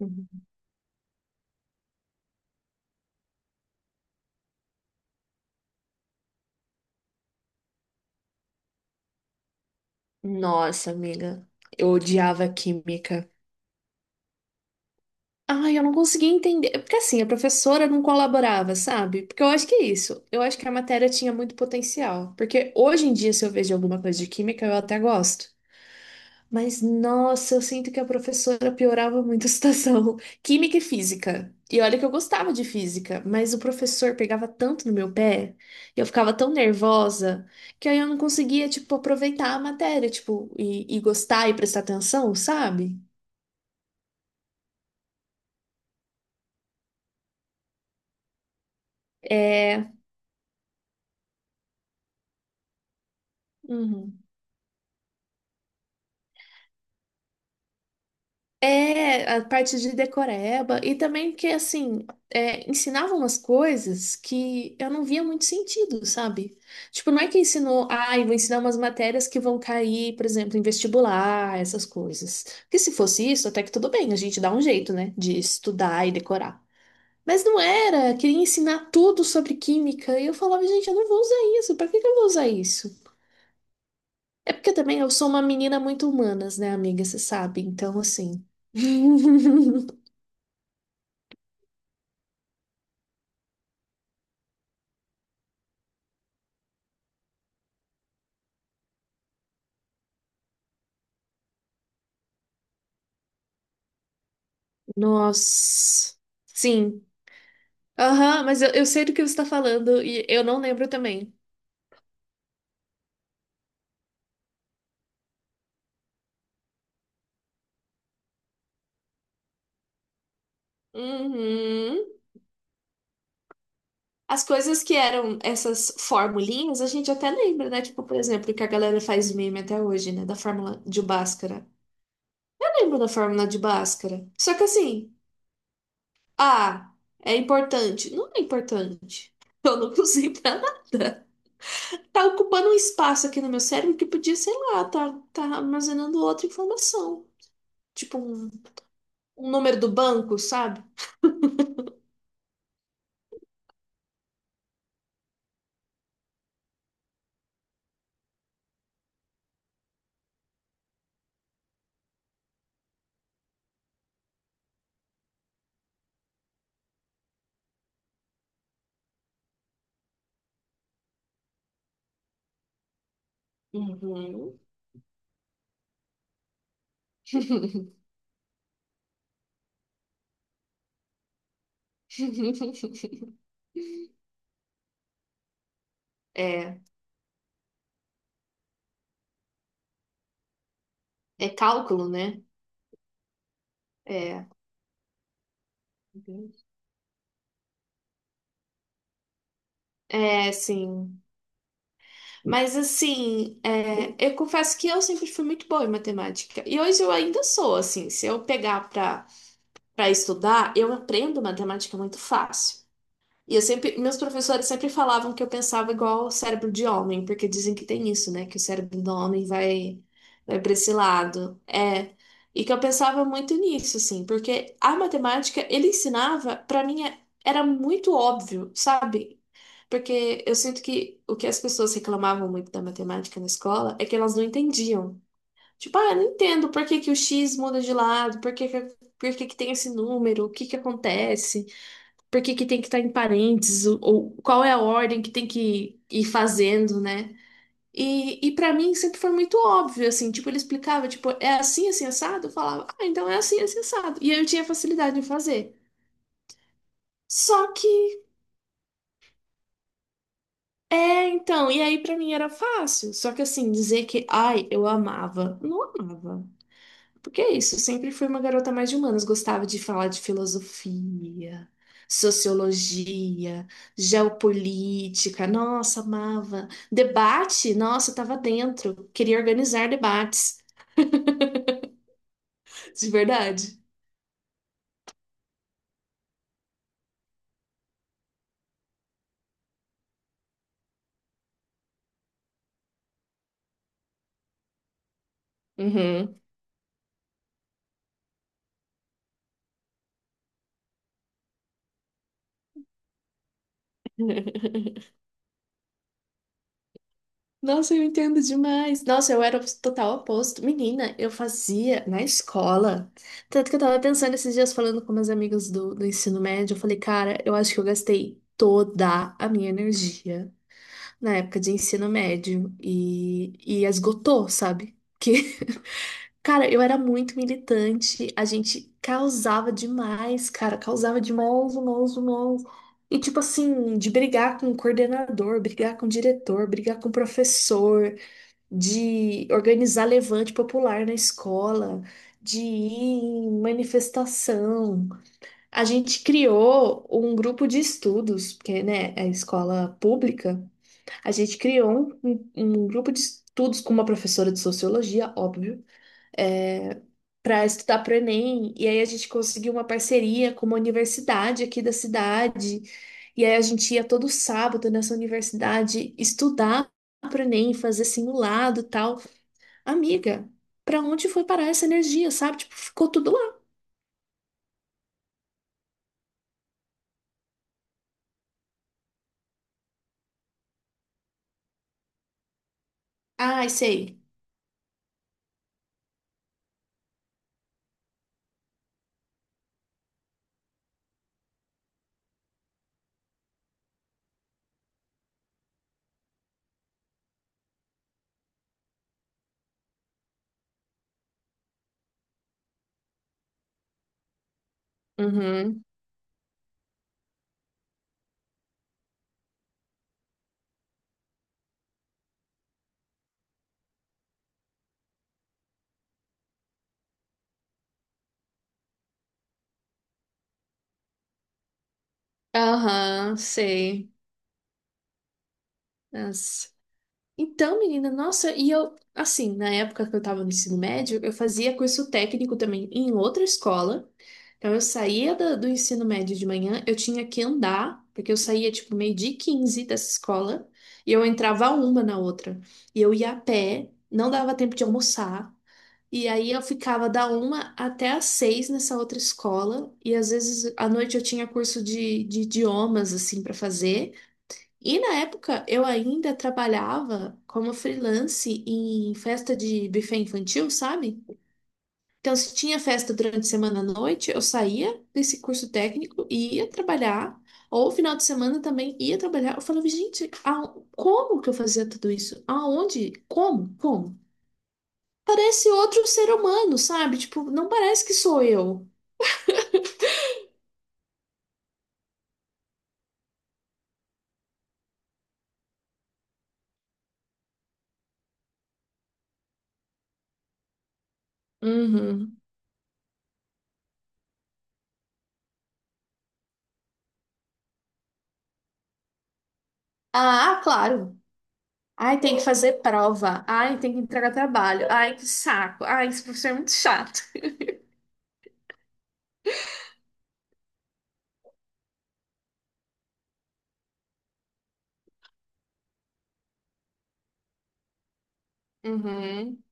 Uhum. Nossa, amiga, eu odiava química. Ai, eu não conseguia entender. Porque assim, a professora não colaborava, sabe? Porque eu acho que é isso. Eu acho que a matéria tinha muito potencial. Porque hoje em dia, se eu vejo alguma coisa de química, eu até gosto. Mas, nossa, eu sinto que a professora piorava muito a situação. Química e física. E olha que eu gostava de física, mas o professor pegava tanto no meu pé, eu ficava tão nervosa, que aí eu não conseguia, tipo, aproveitar a matéria, tipo, e gostar e prestar atenção, sabe? É. Uhum. É, a parte de decoreba, e também que, assim, ensinava umas coisas que eu não via muito sentido, sabe? Tipo, não é que ensinou, ai, vou ensinar umas matérias que vão cair, por exemplo, em vestibular, essas coisas. Porque se fosse isso, até que tudo bem, a gente dá um jeito, né, de estudar e decorar. Mas não era, queria ensinar tudo sobre química, e eu falava, gente, eu não vou usar isso, pra que que eu vou usar isso? É porque também eu sou uma menina muito humanas, né, amiga, você sabe, então, assim. Nossa. Sim. Aham, mas eu sei do que você está falando e eu não lembro também. Uhum. As coisas que eram essas formulinhas, a gente até lembra, né? Tipo, por exemplo, que a galera faz meme até hoje, né? Da fórmula de Bhaskara. Eu lembro da fórmula de Bhaskara. Só que assim, ah, é importante. Não é importante. Eu não usei pra nada. Tá ocupando um espaço aqui no meu cérebro que podia, sei lá, tá armazenando outra informação. Tipo um número do banco, sabe? Uhum. É, é cálculo, né? É, é, sim. Mas assim, eu confesso que eu sempre fui muito boa em matemática. E hoje eu ainda sou, assim, se eu pegar para estudar, eu aprendo matemática muito fácil. E eu sempre, meus professores sempre falavam que eu pensava igual o cérebro de homem, porque dizem que tem isso, né? Que o cérebro do homem vai para esse lado. É. E que eu pensava muito nisso, assim, porque a matemática, ele ensinava, para mim, era muito óbvio, sabe? Porque eu sinto que o que as pessoas reclamavam muito da matemática na escola é que elas não entendiam. Tipo, ah, eu não entendo por que que o X muda de lado, por que que tem esse número, o que que acontece por que que tem que estar em parênteses, ou qual é a ordem que tem que ir fazendo, né? E para mim sempre foi muito óbvio, assim, tipo, ele explicava, tipo, é assim, assim, assado? Eu falava, ah, então é assim, assim, assado. E aí eu tinha facilidade em fazer. Só que, então, e aí pra mim era fácil. Só que assim, dizer que, ai, eu amava, não amava. Porque é isso, eu sempre fui uma garota mais de humanas, gostava de falar de filosofia, sociologia, geopolítica, nossa, amava. Debate, nossa, eu tava dentro, queria organizar debates, de verdade. Uhum. Nossa, eu entendo demais. Nossa, eu era o total oposto. Menina, eu fazia na escola. Tanto que eu tava pensando esses dias, falando com meus amigos do ensino médio, eu falei, cara, eu acho que eu gastei toda a minha energia na época de ensino médio e esgotou, sabe? Que, cara, eu era muito militante, a gente causava demais, cara, causava demais, demais, demais. E tipo assim, de brigar com o coordenador, brigar com o diretor, brigar com o professor, de organizar levante popular na escola, de ir em manifestação. A gente criou um grupo de estudos, porque, né, é escola pública. A gente criou um, um grupo de estudos com uma professora de sociologia, óbvio, é, para estudar para o Enem. E aí a gente conseguiu uma parceria com uma universidade aqui da cidade. E aí a gente ia todo sábado nessa universidade estudar para o Enem, fazer simulado e tal. Amiga, para onde foi parar essa energia, sabe? Tipo, ficou tudo lá. Ai, sei. Uhum. Aham, sei. Então, menina, nossa, e eu, assim, na época que eu tava no ensino médio, eu fazia curso técnico também em outra escola. Então, eu saía do ensino médio de manhã, eu tinha que andar, porque eu saía, tipo, meio-dia e 15 dessa escola, e eu entrava uma na outra. E eu ia a pé, não dava tempo de almoçar, e aí eu ficava da uma até às seis nessa outra escola, e às vezes à noite eu tinha curso de idiomas, assim, para fazer. E na época eu ainda trabalhava como freelance em festa de buffet infantil, sabe? Então, se tinha festa durante a semana à noite, eu saía desse curso técnico e ia trabalhar, ou final de semana também ia trabalhar. Eu falava, gente, como que eu fazia tudo isso? Aonde? Como? Como? Parece outro ser humano, sabe? Tipo, não parece que sou eu. Uhum. Ah, claro. Ai, tem que fazer prova. Ai, tem que entregar trabalho. Ai, que saco. Ai, esse professor é muito chato. Uhum.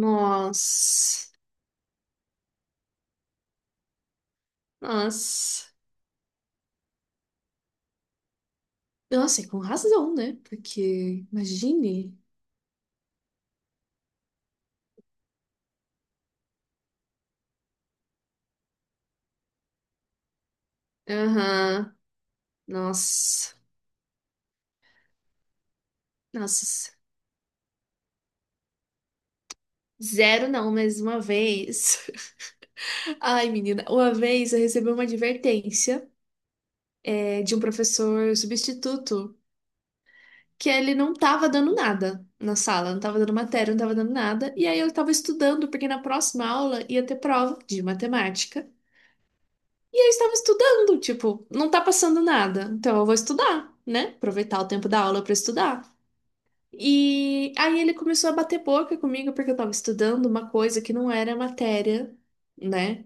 Nossa. Nossa. Nossa, e com razão, né? Porque, imagine. Aham. Nossa. Nossa. Zero não, mas uma vez. Ai, menina, uma vez eu recebi uma advertência de um professor substituto, que ele não tava dando nada na sala, não tava dando matéria, não tava dando nada. E aí eu tava estudando, porque na próxima aula ia ter prova de matemática. E eu estava estudando, tipo, não tá passando nada. Então eu vou estudar, né? Aproveitar o tempo da aula pra estudar. E aí ele começou a bater boca comigo porque eu tava estudando uma coisa que não era matéria, né?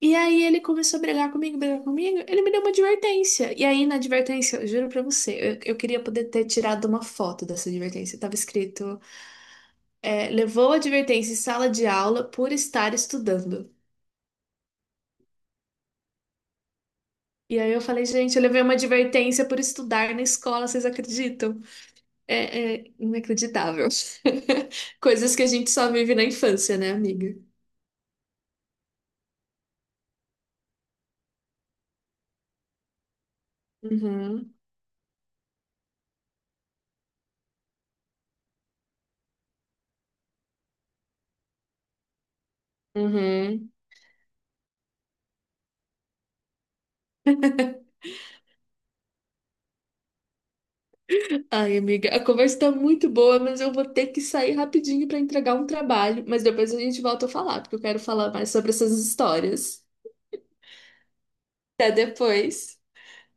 E aí ele começou a brigar comigo, brigar comigo. Ele me deu uma advertência. E aí na advertência, eu juro pra você, eu queria poder ter tirado uma foto dessa advertência. Tava escrito, levou a advertência em sala de aula por estar estudando. E aí eu falei, gente, eu levei uma advertência por estudar na escola, vocês acreditam? É, é inacreditável. Coisas que a gente só vive na infância, né, amiga? Uhum, uhum. Ai, amiga, a conversa tá muito boa, mas eu vou ter que sair rapidinho pra entregar um trabalho. Mas depois a gente volta a falar, porque eu quero falar mais sobre essas histórias. Até depois.